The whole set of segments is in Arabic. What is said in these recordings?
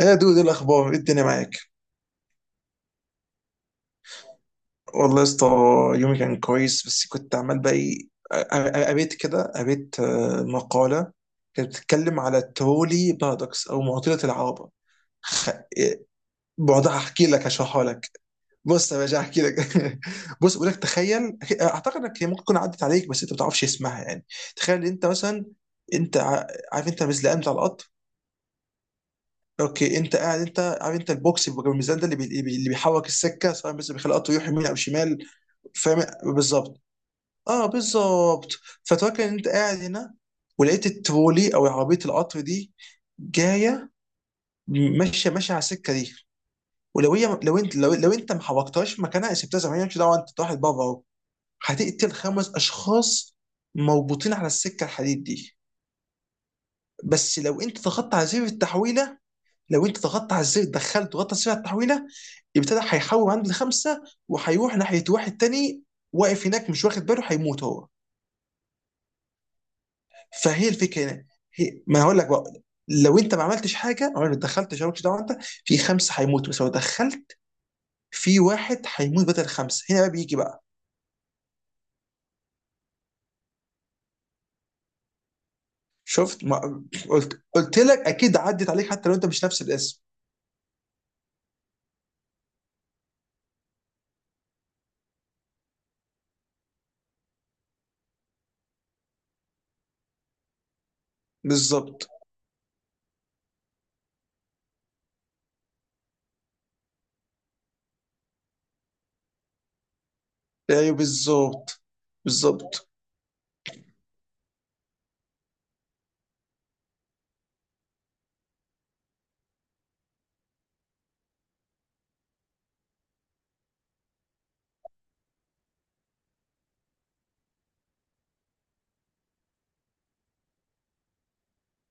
ايه يا دود، إيه الاخبار، ايه الدنيا معاك؟ والله يا اسطى، يومي كان كويس، بس كنت عمال بقى ايه. قريت كده، قريت آه، مقاله كانت بتتكلم على الترولي بارادوكس او معضله العربه. خ- إيه، بعدها هحكي لك، هشرحها لك. بص يا باشا، هحكي لك. بص، بقول لك تخيل، اعتقد انك هي ممكن تكون عدت عليك بس انت ما بتعرفش اسمها يعني. تخيل إن انت مثلا، انت ع- عارف انت المزلقان بتاع القطر. اوكي، انت قاعد، انت عارف انت البوكس اللي جنب الميزان ده، اللي بيحرك السكه سواء، بس بيخلي القطر يروح يمين او شمال. فاهم، بالظبط، اه بالظبط. فتفكر ان انت قاعد هنا، ولقيت الترولي او عربيه القطر دي جايه ماشيه ماشيه على السكه دي. ولو هي، لو انت ما حركتهاش مكانها، سبتها زي ما هي، مش دعوه انت، واحد بره اهو، هتقتل خمس اشخاص مربوطين على السكه الحديد دي. بس لو انت ضغطت على زر التحويله، لو انت ضغطت على الزر، دخلت ضغطت على زر التحويله، ابتدى هيحول عند الخمسه، وهيروح ناحيه واحد تاني واقف هناك مش واخد باله، هيموت هو. فهي الفكره هنا. هي، ما هقول لك بقى، لو انت ما عملتش حاجه او ما دخلتش، مالكش دعوه انت، في خمسه هيموتوا، بس لو دخلت، في واحد هيموت بدل خمسه. هنا بقى بيجي بقى. شفت ما قلت لك، اكيد عدت عليك حتى لو انت مش نفس الاسم. بالظبط، ايوه بالظبط. بالظبط.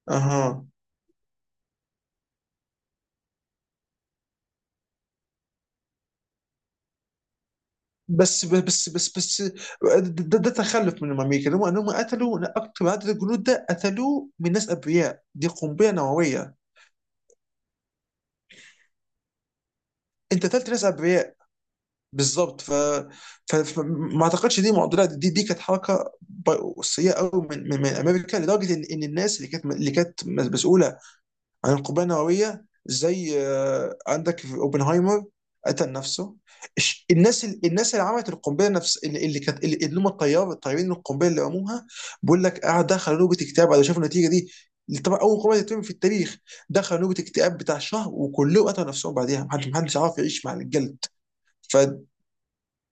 اها. بس بس بس بس، ده تخلف من الامريكا، انهم قتلوا اكتر عدد، الجنود ده قتلوه من ناس ابرياء، دي قنبله نوويه. انت قتلت ناس ابرياء. بالظبط. فما اعتقدش دي معضله، دي كانت حركه سيئه قوي من امريكا، لدرجه ان الناس اللي كانت مسؤوله عن القنبله النوويه، زي، عندك في اوبنهايمر، قتل نفسه. الناس، الناس اللي عملت القنبله، نفس اللي كانت، اللي هم الطيار، الطيارين، القنبله اللي رموها، بيقول لك قعد دخل نوبه اكتئاب على شافوا النتيجه دي. طبعا اول قنبله تترمي في التاريخ، دخل نوبه اكتئاب بتاع شهر، وكلهم قتلوا نفسهم بعديها. محدش عارف يعيش مع الجلد. ف،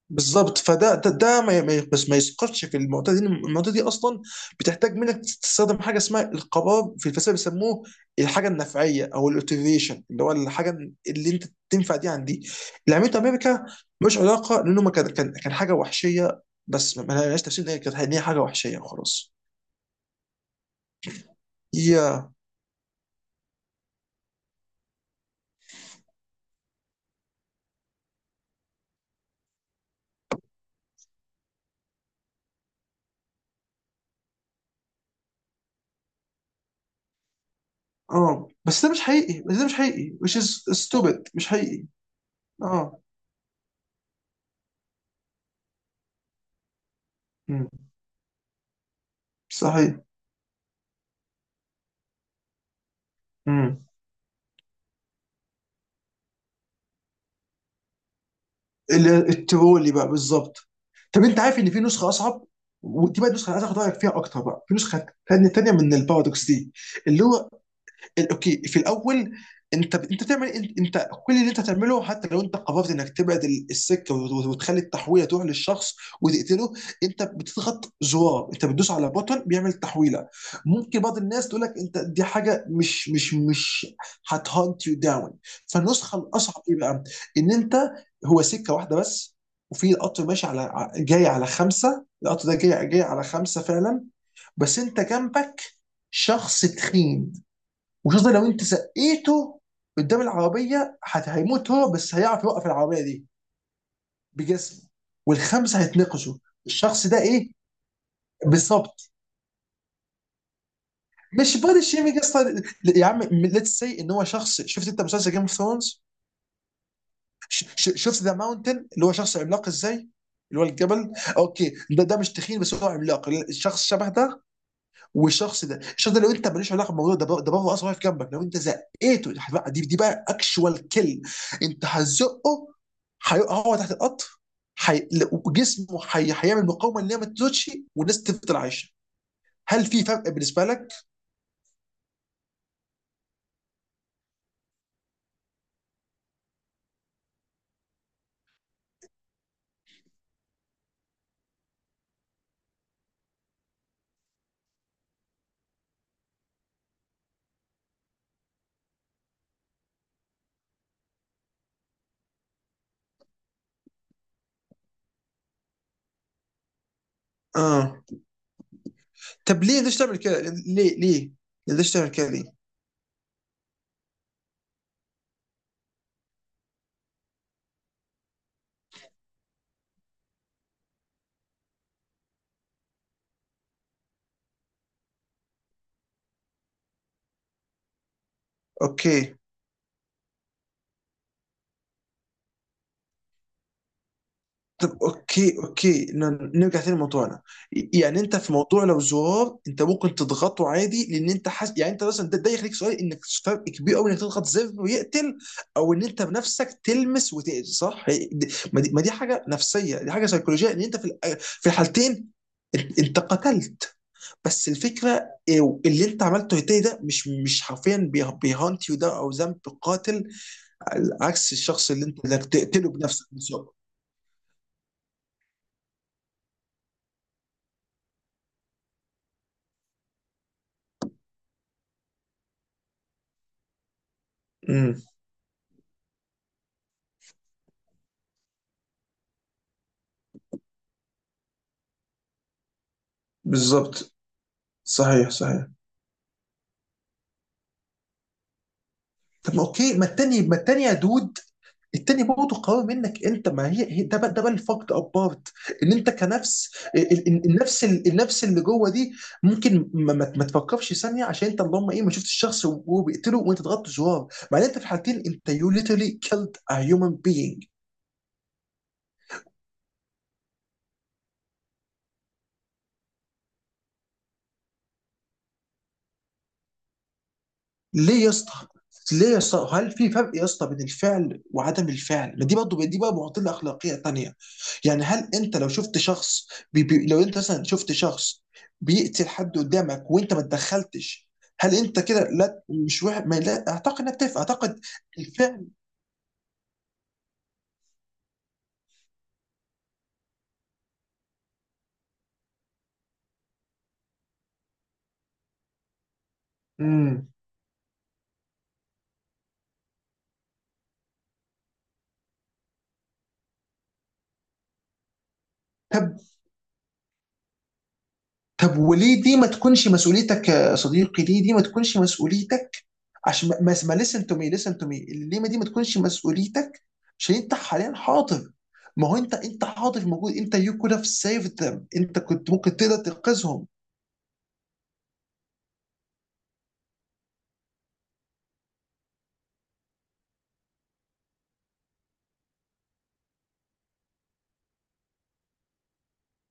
بالظبط. فده ده, ده بس ما يسقطش في المعضله دي. المعضله دي اصلا بتحتاج منك تستخدم حاجه اسمها القرار. في الفلسفه بيسموه الحاجه النفعيه او الاوتيفيشن، اللي هو الحاجه اللي انت تنفع دي عن دي. اللي عملته امريكا مش علاقه، لانه ما كان حاجه وحشيه، بس ما ما لهاش تفسير ان هي كانت، ان هي حاجه وحشيه وخلاص. يا، اه بس ده مش حقيقي، بس ده مش حقيقي، which is stupid، مش حقيقي. اه. مم. صحيح. مم. الترولي بقى، بالظبط. طب انت عارف ان في نسخه اصعب، ودي بقى النسخه اللي عايز اخد رايك فيها اكتر بقى، في نسخه تانية تانية من البارادوكس دي. اللي هو، اوكي، في الاول، انت بتعمل انت، أنت كل اللي انت تعمله حتى لو انت قررت انك تبعد السكه وتخلي التحويله تروح للشخص وتقتله، انت بتضغط زرار، انت بتدوس على بوتن بيعمل تحويله. ممكن بعض الناس تقول لك انت دي حاجه مش مش مش هتهانت يو داون. فالنسخه الاصعب ايه بقى؟ ان انت، هو سكه واحده بس، وفي القطر ماشي على جاي على خمسه. القطر ده جاي على خمسه فعلا، بس انت جنبك شخص تخين، وخاصة لو انت سقيته قدام العربية، هيموت هو، بس هيعرف يوقف العربية دي بجسمه، والخمسة هيتنقشوا. الشخص ده ايه. بالظبط. مش بادي شيمينج اصلا. يا عم، ليتس سي، ان هو شخص، شفت انت مسلسل جيم اوف ثرونز؟ شفت ذا ماونتن، اللي هو شخص عملاق ازاي، اللي هو الجبل. اوكي، ده مش تخين بس هو عملاق، الشخص شبه ده. والشخص ده، الشخص ده، لو انت ماليش علاقه بالموضوع ده ده بره اصلا، واقف جنبك، لو انت زقيته، دي بقى، دي بقى اكشوال كل، انت هتزقه، هو تحت القطر. حي... جسمه، هيعمل مقاومه ان هي ما تزودش والناس تفضل عايشه. هل في فرق بالنسبه لك؟ اه. طب ليه، ليش تعمل كده؟ ليه ليه؟ ليش تعمل كده ليه؟ اوكي. طب اوكي، اوكي نرجع تاني لموضوعنا. يعني انت في موضوع لو زرار انت ممكن تضغطه عادي، لان انت حاسس يعني انت مثلا، ده يخليك سؤال، انك فرق كبير قوي انك تضغط زر ويقتل، او ان انت بنفسك تلمس وتأذي، صح؟ ما دي، ما دي حاجه نفسيه، دي حاجه سيكولوجيه، ان انت في في الحالتين انت قتلت. بس الفكره، اللي انت عملته تاني، ده مش، مش حرفيا بيهانت يو ده او ذنب قاتل، على عكس الشخص اللي انت بدك تقتله بنفسك بالظبط. امم. بالظبط. صحيح صحيح. طب ما اوكي، ما التاني ما التاني يا دود، التاني برضه قوي منك انت، ما هي، ده بقى الفرق ابارت، ان انت كنفس النفس، النفس اللي جوه دي، ممكن ما, ما ما تفكرش ثانيه، عشان انت اللهم ايه ما شفتش الشخص وهو بيقتله، وانت ضغطت زرار. مع ان انت في الحالتين انت، يو literally killed a human being. ليه يا اسطى؟ ليه يا اسطى؟ هل في فرق يا اسطى بين الفعل وعدم الفعل؟ ما دي برضه دي بقى معضله اخلاقيه تانيه. يعني هل انت لو شفت شخص، بي بي لو انت مثلا شفت شخص بيقتل حد قدامك وانت ما اتدخلتش، هل انت كده، لا، مش واحد، ما لا اعتقد، انك تف، اعتقد الفعل. امم. طب، طب وليه دي ما تكونش مسؤوليتك يا صديقي؟ ليه دي ما تكونش مسؤوليتك؟ عشان ما ما ما listen to me، listen to me، الليمه دي ما تكونش مسؤوليتك عشان انت حاليا حاضر. ما هو انت حاضر موجود، انت you could have saved them، انت كنت ممكن تقدر تنقذهم.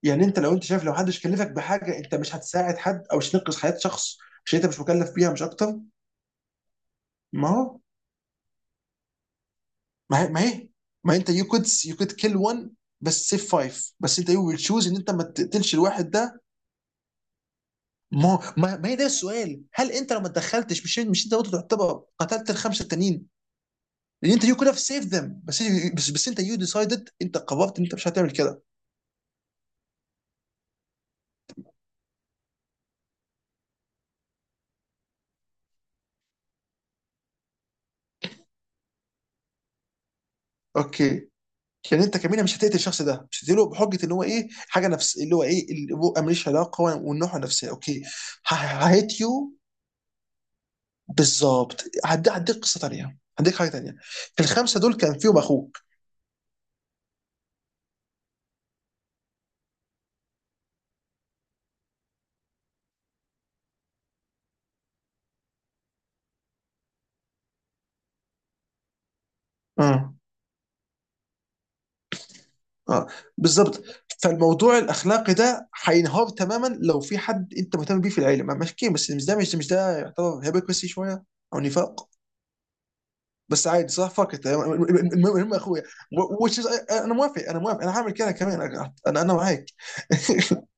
يعني انت، لو انت شايف لو حدش كلفك بحاجه، انت مش هتساعد حد او مش تنقذ حياه شخص عشان انت مش مكلف بيها، مش اكتر؟ ما هو، ما هي، ما انت، you could kill one بس save five، بس انت you will choose ان انت ما تقتلش الواحد ده. ما ما ما هي ده السؤال، هل انت لو ما اتدخلتش، مش، مش انت برضه تعتبر قتلت الخمسه التانيين؟ لان انت يو كود هاف سيف ذم. بس، بس بس انت يو ديسايدد، انت قررت ان انت مش هتعمل كده. اوكي. يعني انت كمينة مش هتقتل الشخص ده، مش هتقتله بحجه ان هو ايه حاجه، نفس اللي هو ايه البؤه، ماليش علاقه والنوع نفسيه. اوكي. هيت يو. بالظبط. هديك قصه تانيه، هديك حاجه تانيه. في الخمسه دول كان فيهم اخوك. اه اه بالظبط. فالموضوع الاخلاقي ده هينهار تماما لو في حد انت مهتم بيه في العيله، ماشي، بس مش ده، مش ده، مش ده يعتبر هيبوكريسي شويه او نفاق. بس عادي، صح، فكت. المهم، المهم يا اخويا، which is، انا موافق، انا هعمل كده كمان انا، انا معاك.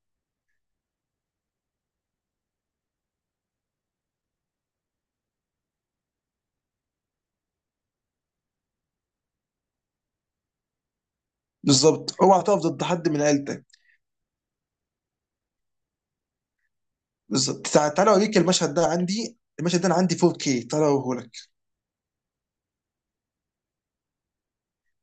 بالظبط. اوعى تقف ضد حد من عيلتك. بالظبط. تعالى اوريك المشهد ده، عندي المشهد ده، انا عندي 4K، تعالى اوريه.